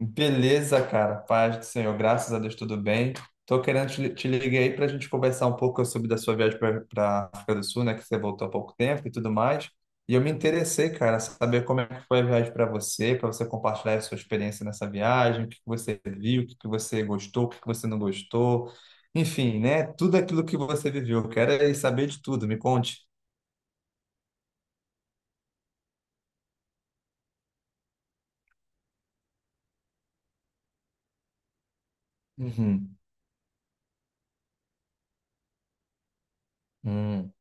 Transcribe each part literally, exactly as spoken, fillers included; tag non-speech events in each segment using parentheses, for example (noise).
Beleza, cara. Paz do Senhor, graças a Deus, tudo bem. Tô querendo te, te ligar aí para a gente conversar um pouco sobre da sua viagem para África do Sul, né? Que você voltou há pouco tempo e tudo mais. E eu me interessei, cara, saber como é que foi a viagem para você, para você compartilhar a sua experiência nessa viagem, o que que você viu, o que que você gostou, o que que você não gostou. Enfim, né? Tudo aquilo que você viveu. Eu Quero é saber de tudo, me conte. Uhum. Hum.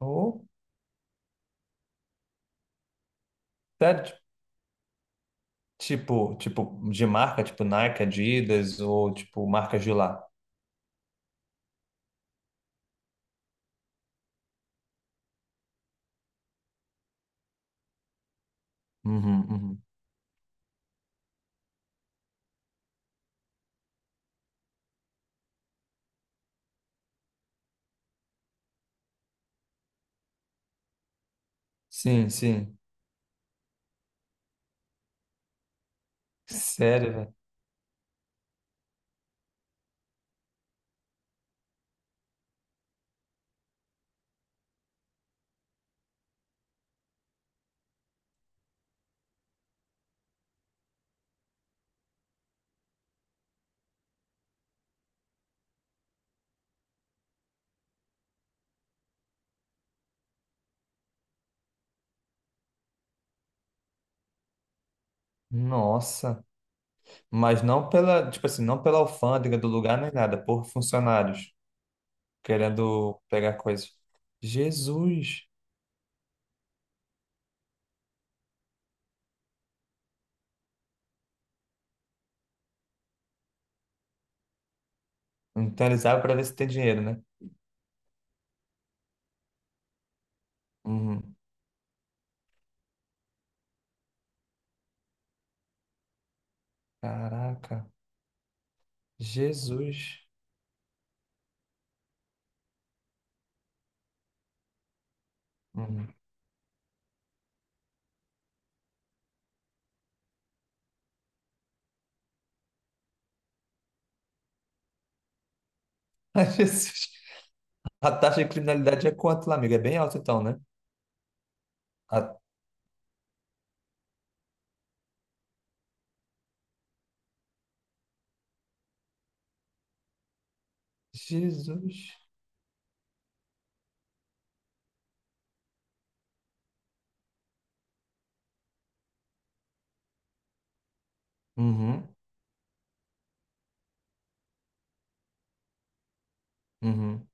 Oh, sério? Tipo, tipo, de marca, tipo Nike, Adidas ou tipo marcas de lá. Uhum, uhum. Sim, sim. Sério, velho. Nossa. Mas não pela, tipo assim, não pela alfândega do lugar nem nada, por funcionários querendo pegar coisas. Jesus. Então eles abrem pra ver se tem dinheiro, né? Uhum. Caraca. Jesus. Uhum. (laughs) Ai, Jesus. A taxa de criminalidade é quanto lá, amiga? É bem alta então, né? A... Jesus. Uhum, uhum,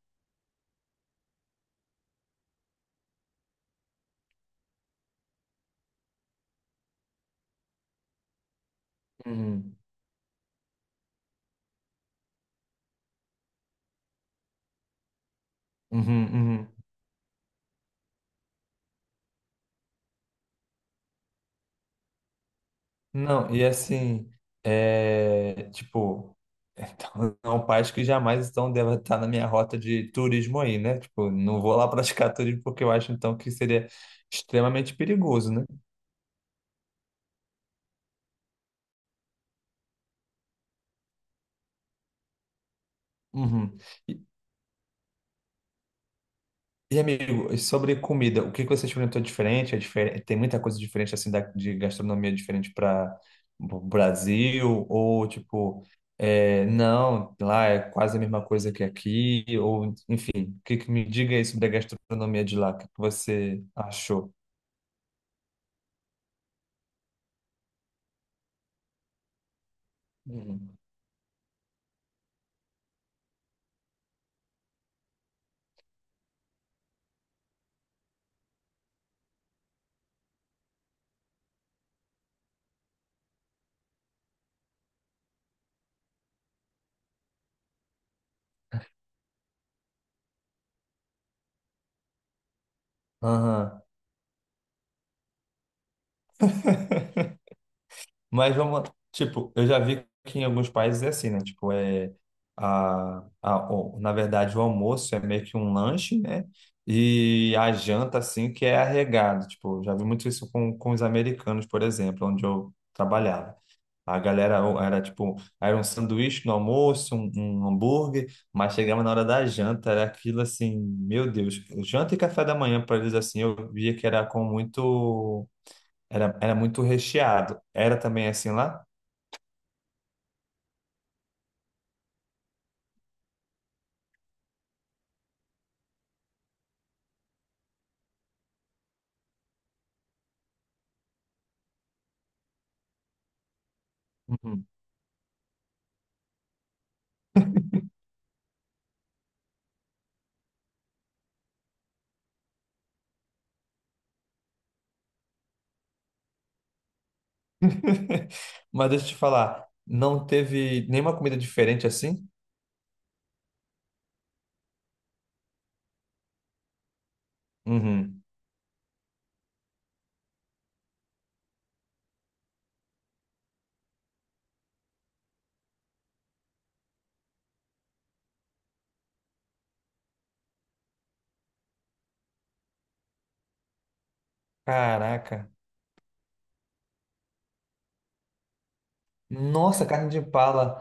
uhum. Uhum, uhum. Não, e assim, é, tipo, então, (laughs) são pais que jamais estão, devem estar na minha rota de turismo aí, né? Tipo, não vou lá praticar turismo porque eu acho então que seria extremamente perigoso, né? Uhum. E amigo, e sobre comida, o que que você experimentou diferente? É diferente? Tem muita coisa diferente assim da, de gastronomia diferente para o Brasil ou tipo, é, não, lá é quase a mesma coisa que aqui ou enfim, o que que me diga aí sobre a gastronomia de lá? O que que você achou? Hum. Aham. (laughs) Mas vamos, tipo, eu já vi que em alguns países é assim, né? Tipo, é a, a, o- na verdade, o almoço é meio que um lanche, né? E a janta, assim, que é arregado. Tipo, já vi muito isso com, com os americanos, por exemplo, onde eu trabalhava. A galera o- era tipo, era um sanduíche no almoço, um, um hambúrguer, mas chegava na hora da janta, era aquilo assim, meu Deus, janta e café da manhã para eles assim, eu via que era com muito, era, era muito recheado. Era também assim lá? Uhum. (laughs) Mas deixa eu te falar, não teve nenhuma comida diferente assim? Uhum. Caraca. Nossa, carne de impala.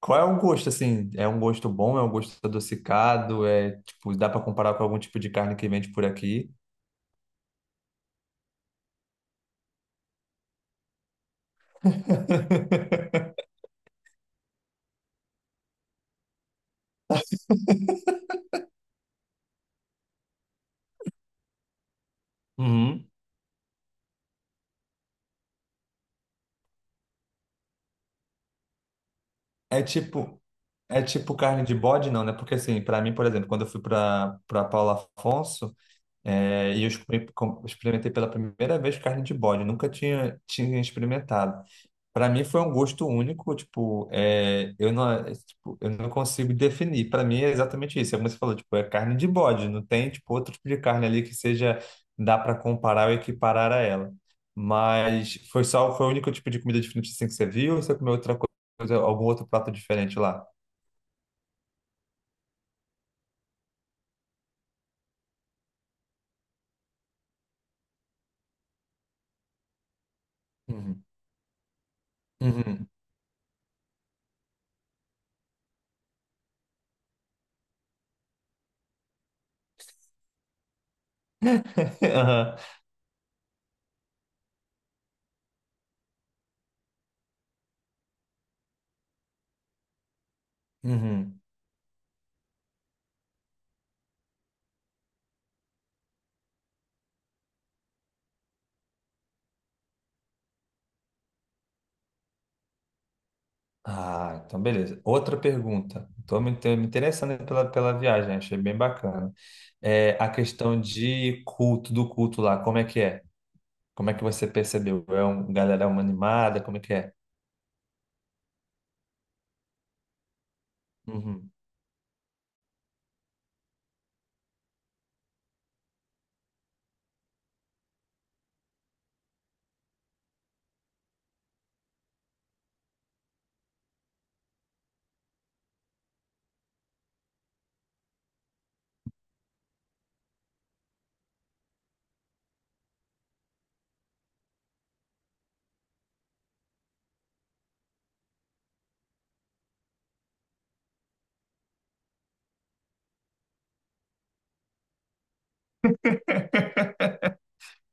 Qual é o gosto assim? É um gosto bom? É um gosto adocicado? É tipo, dá pra comparar com algum tipo de carne que vende por aqui? (laughs) Uhum. É tipo, é tipo carne de bode, não, né? Porque assim, pra mim, por exemplo, quando eu fui pra para Paulo Afonso, é, e eu experi- com- experimentei pela primeira vez carne de bode, eu nunca tinha tinha experimentado. Para mim foi um gosto único, tipo, é, eu não, é, tipo, eu não consigo definir. Para mim é exatamente isso. É como você falou, tipo, é carne de bode, não tem tipo outro tipo de carne ali que seja dá para comparar ou equiparar a ela. Mas foi só foi o único tipo de comida diferente assim que você viu, ou você comeu outra coisa, algum outro prato diferente lá? Uhum. Uhum. (laughs) Aham. Uhum. Ah, então beleza. Outra pergunta. Estou me, me interessando pela, pela viagem, achei bem bacana. É, a questão de culto, do culto lá, como é que é? Como é que você percebeu? É um, galera, é uma animada, como é que é? Uhum.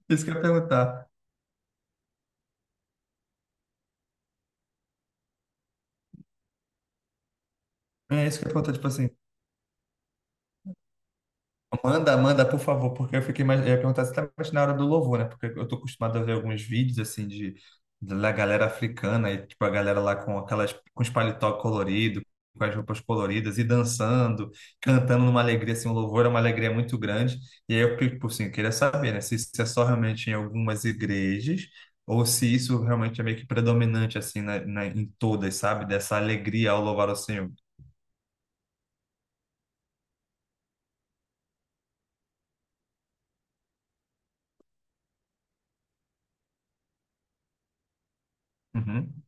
Isso que eu ia perguntar. É isso que eu ia perguntar, tipo assim, manda, manda, por favor, porque eu fiquei mais, eu ia perguntar exatamente na hora do louvor, né? Porque eu tô acostumado a ver alguns vídeos assim de da galera africana e tipo a galera lá com aquelas com os paletó colorido, com as roupas coloridas e dançando, cantando numa alegria assim, o louvor é uma alegria muito grande. E aí eu tipo assim, eu queria saber, né, se isso é só realmente em algumas igrejas ou se isso realmente é meio que predominante assim na, na- em todas, sabe? Dessa alegria ao louvar o Senhor. Uhum.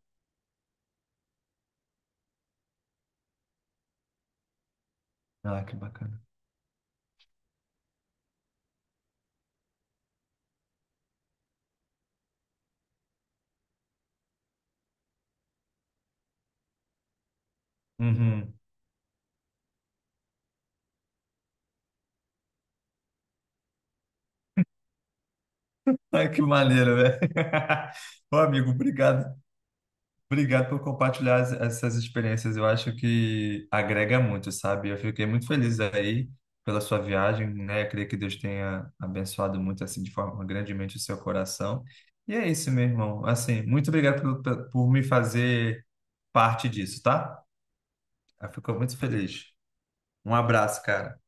Ah, que bacana. Uhum. Ai, que maneiro, velho. (laughs) Ô, amigo, obrigado. Obrigado por compartilhar as- essas experiências. Eu acho que agrega muito, sabe? Eu fiquei muito feliz aí pela sua viagem, né? Eu creio que Deus tenha abençoado muito, assim, de forma grandemente o seu coração. E é isso, meu irmão. Assim, muito obrigado pelo- pe- por me fazer parte disso, tá? Eu fico muito feliz. Um abraço, cara.